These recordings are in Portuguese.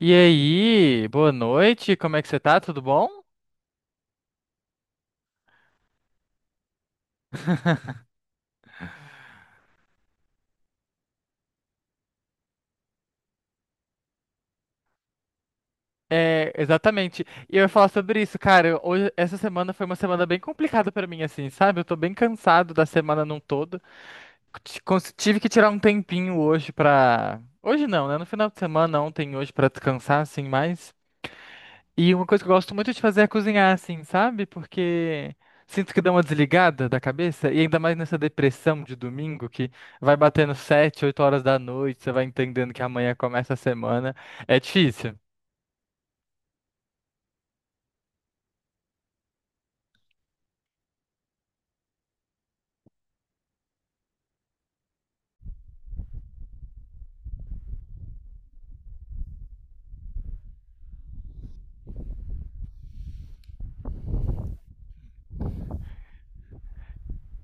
E aí, boa noite, como é que você tá? Tudo bom? É, exatamente. E eu ia falar sobre isso, cara. Hoje, essa semana foi uma semana bem complicada pra mim, assim, sabe? Eu tô bem cansado da semana num todo. Tive que tirar um tempinho hoje pra. Hoje não, né? No final de semana, ontem, e hoje, pra descansar, assim, mais. E uma coisa que eu gosto muito de fazer é cozinhar, assim, sabe? Porque sinto que dá uma desligada da cabeça, e ainda mais nessa depressão de domingo, que vai batendo 7, 8 horas da noite, você vai entendendo que amanhã começa a semana. É difícil.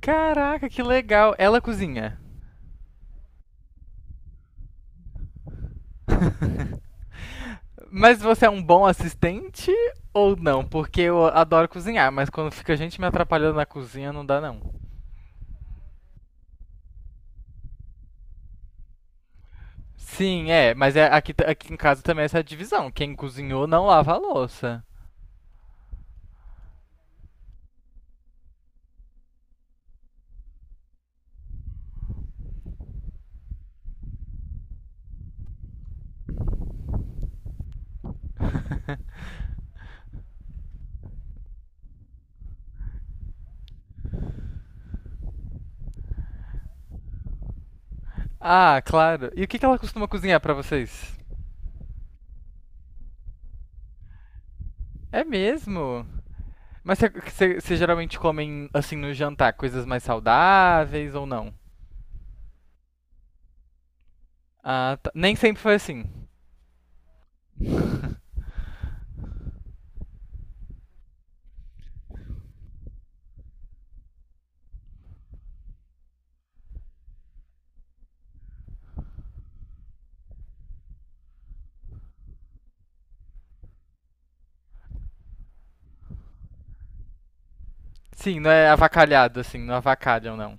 Caraca, que legal! Ela cozinha. Mas você é um bom assistente ou não? Porque eu adoro cozinhar, mas quando fica gente me atrapalhando na cozinha, não dá não. Sim, é, mas é, aqui em casa também é essa divisão. Quem cozinhou não lava a louça. Ah, claro. E o que que ela costuma cozinhar pra vocês? É mesmo? Mas vocês geralmente comem, assim, no jantar, coisas mais saudáveis ou não? Ah, tá. Nem sempre foi assim. Sim, não é avacalhado, assim, não avacalham, não.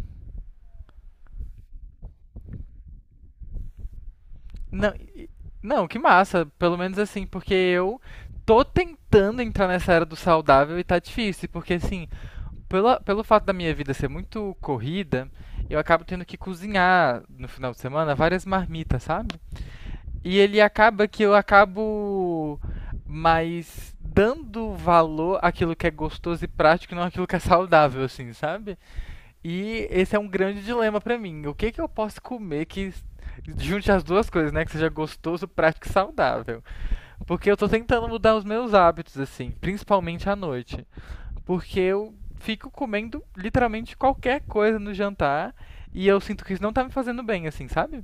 Não, e- não, que massa. Pelo menos assim, porque eu tô tentando entrar nessa era do saudável e tá difícil. Porque, assim, pelo fato da minha vida ser muito corrida, eu acabo tendo que cozinhar no final de semana várias marmitas, sabe? E ele acaba que eu acabo mais dando valor àquilo que é gostoso e prático, e não àquilo que é saudável, assim, sabe? E esse é um grande dilema pra mim. O que que eu posso comer que junte as duas coisas, né? Que seja gostoso, prático e saudável. Porque eu tô tentando mudar os meus hábitos, assim, principalmente à noite. Porque eu fico comendo literalmente qualquer coisa no jantar e eu sinto que isso não tá me fazendo bem, assim, sabe?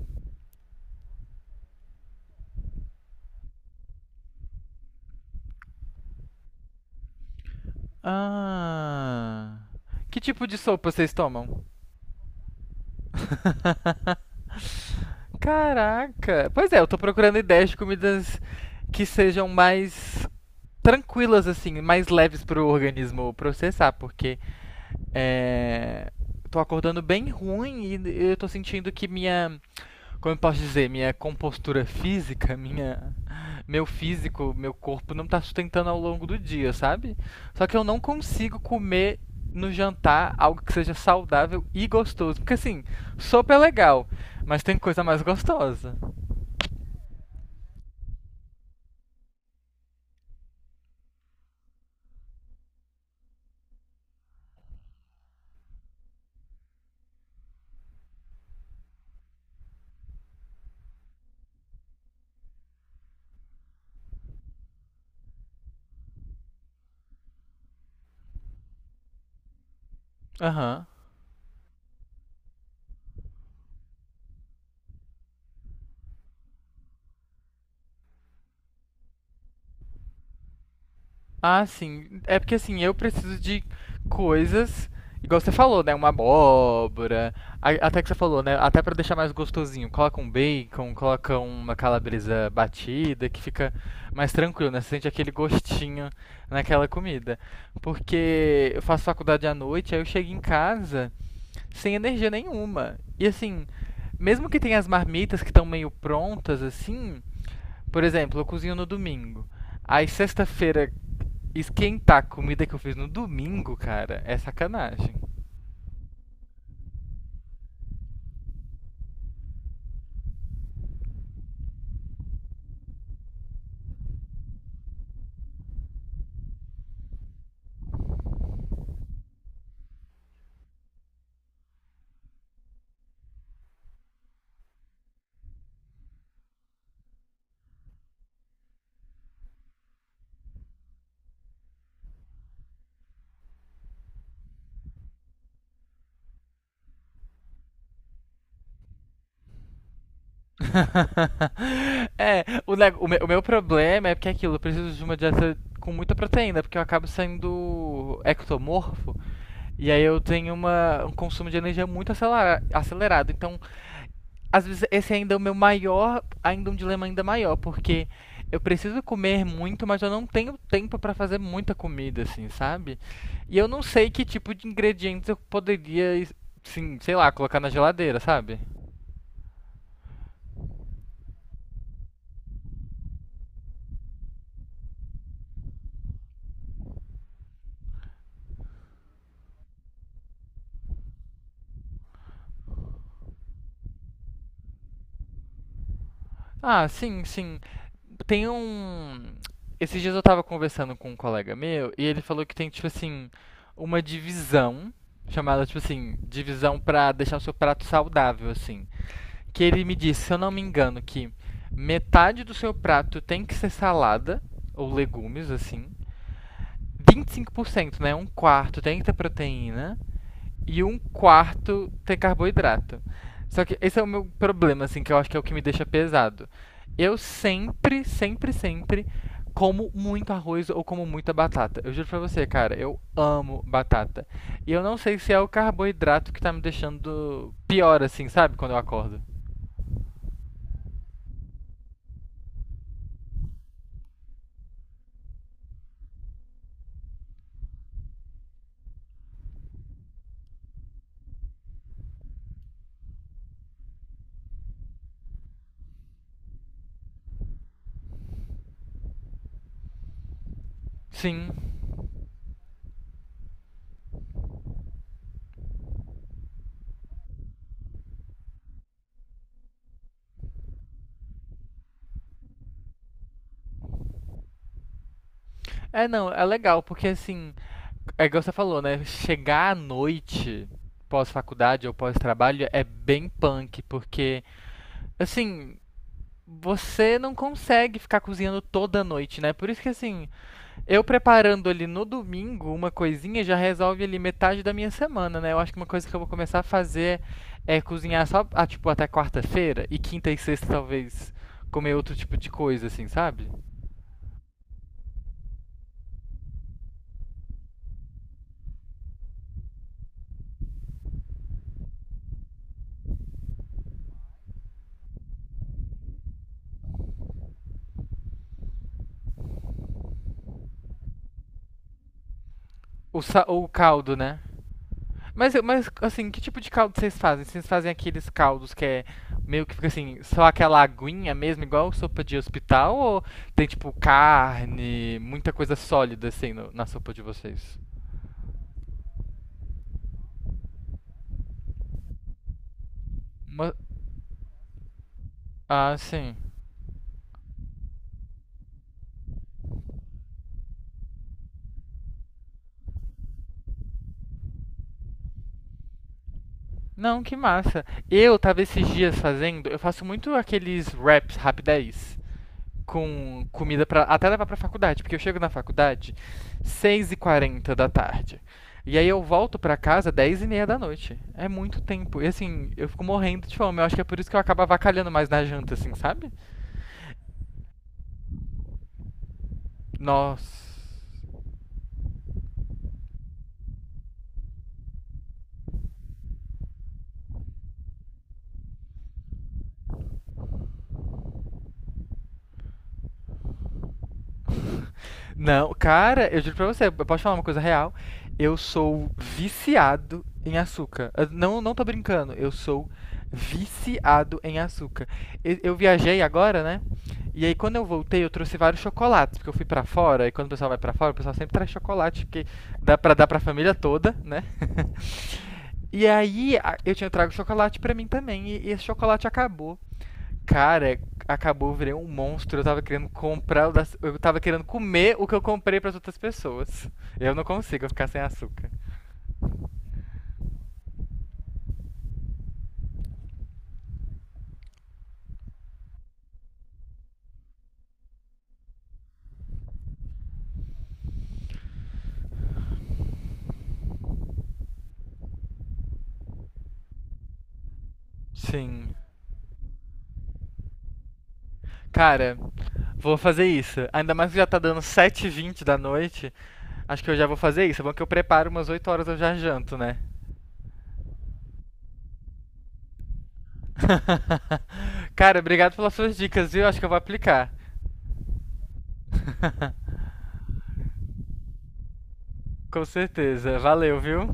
Ah. Que tipo de sopa vocês tomam? Caraca! Pois é, eu tô procurando ideias de comidas que sejam mais tranquilas, assim, mais leves pro organismo processar, porque é. Tô acordando bem ruim e eu tô sentindo que minha como eu posso dizer, minha compostura física, minha, meu físico, meu corpo não tá sustentando ao longo do dia, sabe? Só que eu não consigo comer no jantar algo que seja saudável e gostoso. Porque assim, sopa é legal, mas tem coisa mais gostosa. Aham. Ah, sim. É porque assim, eu preciso de coisas, igual você falou, né? Uma abóbora. Até que você falou, né? Até pra deixar mais gostosinho. Coloca um bacon, coloca uma calabresa batida, que fica mais tranquilo, né? Você sente aquele gostinho naquela comida. Porque eu faço faculdade à noite, aí eu chego em casa sem energia nenhuma. E assim, mesmo que tenha as marmitas que estão meio prontas, assim, por exemplo, eu cozinho no domingo. Aí sexta-feira esquentar a comida que eu fiz no domingo, cara, é sacanagem. É, o, neg- o, me- o meu problema é porque é aquilo, eu preciso de uma dieta com muita proteína, porque eu acabo sendo ectomorfo, e aí eu tenho uma, um consumo de energia muito acelerado. Então, às vezes esse ainda é o meu maior, ainda um dilema ainda maior, porque eu preciso comer muito, mas eu não tenho tempo para fazer muita comida, assim, sabe? E eu não sei que tipo de ingredientes eu poderia, sim, sei lá, colocar na geladeira, sabe? Ah, sim. Tem um. Esses dias eu tava conversando com um colega meu e ele falou que tem, tipo assim, uma divisão, chamada, tipo assim, divisão pra deixar o seu prato saudável, assim. Que ele me disse, se eu não me engano, que metade do seu prato tem que ser salada ou legumes, assim. 25%, né? Um quarto tem que ter proteína e um quarto ter carboidrato. Só que esse é o meu problema, assim, que eu acho que é o que me deixa pesado. Eu sempre como muito arroz ou como muita batata. Eu juro pra você, cara, eu amo batata. E eu não sei se é o carboidrato que tá me deixando pior, assim, sabe? Quando eu acordo. Sim, é, não, é legal, porque assim, é igual você falou, né? Chegar à noite pós-faculdade ou pós-trabalho é bem punk, porque, assim, você não consegue ficar cozinhando toda noite, né? Por isso que, assim, eu preparando ali no domingo uma coisinha já resolve ali metade da minha semana, né? Eu acho que uma coisa que eu vou começar a fazer é cozinhar só, ah, tipo, até quarta-feira e quinta e sexta talvez comer outro tipo de coisa, assim, sabe? O caldo, né? Mas, mas, assim, que tipo de caldo vocês fazem? Vocês fazem aqueles caldos que é meio que fica assim, só aquela aguinha mesmo, igual sopa de hospital? Ou tem, tipo, carne, muita coisa sólida, assim, na sopa de vocês? Uma. Ah, sim. Não, que massa. Eu tava esses dias fazendo, eu faço muito aqueles wraps rapidez. Com comida para até levar pra faculdade, porque eu chego na faculdade 6h40 da tarde. E aí eu volto pra casa 22h30 da noite. É muito tempo. E assim, eu fico morrendo de fome. Eu acho que é por isso que eu acabo avacalhando mais na janta, assim, sabe? Nossa. Não, cara, eu juro pra você, eu posso falar uma coisa real? Eu sou viciado em açúcar. Eu Não, não tô brincando, eu sou viciado em açúcar. Eu viajei agora, né? E aí quando eu voltei, eu trouxe vários chocolates, porque eu fui pra fora, e quando o pessoal vai pra fora, o pessoal sempre traz chocolate, porque dá pra dar pra família toda, né? Eu tinha trago chocolate pra mim também, e esse chocolate acabou. Cara, acabou, eu virei um monstro. Eu tava querendo comer o que eu comprei pras outras pessoas. Eu não consigo ficar sem açúcar. Sim. Cara, vou fazer isso. Ainda mais que já tá dando sete h 20 da noite. Acho que eu já vou fazer isso. É bom que eu preparo umas 8 horas, eu já janto, né? Cara, obrigado pelas suas dicas, viu? Acho que eu vou aplicar. Com certeza. Valeu, viu?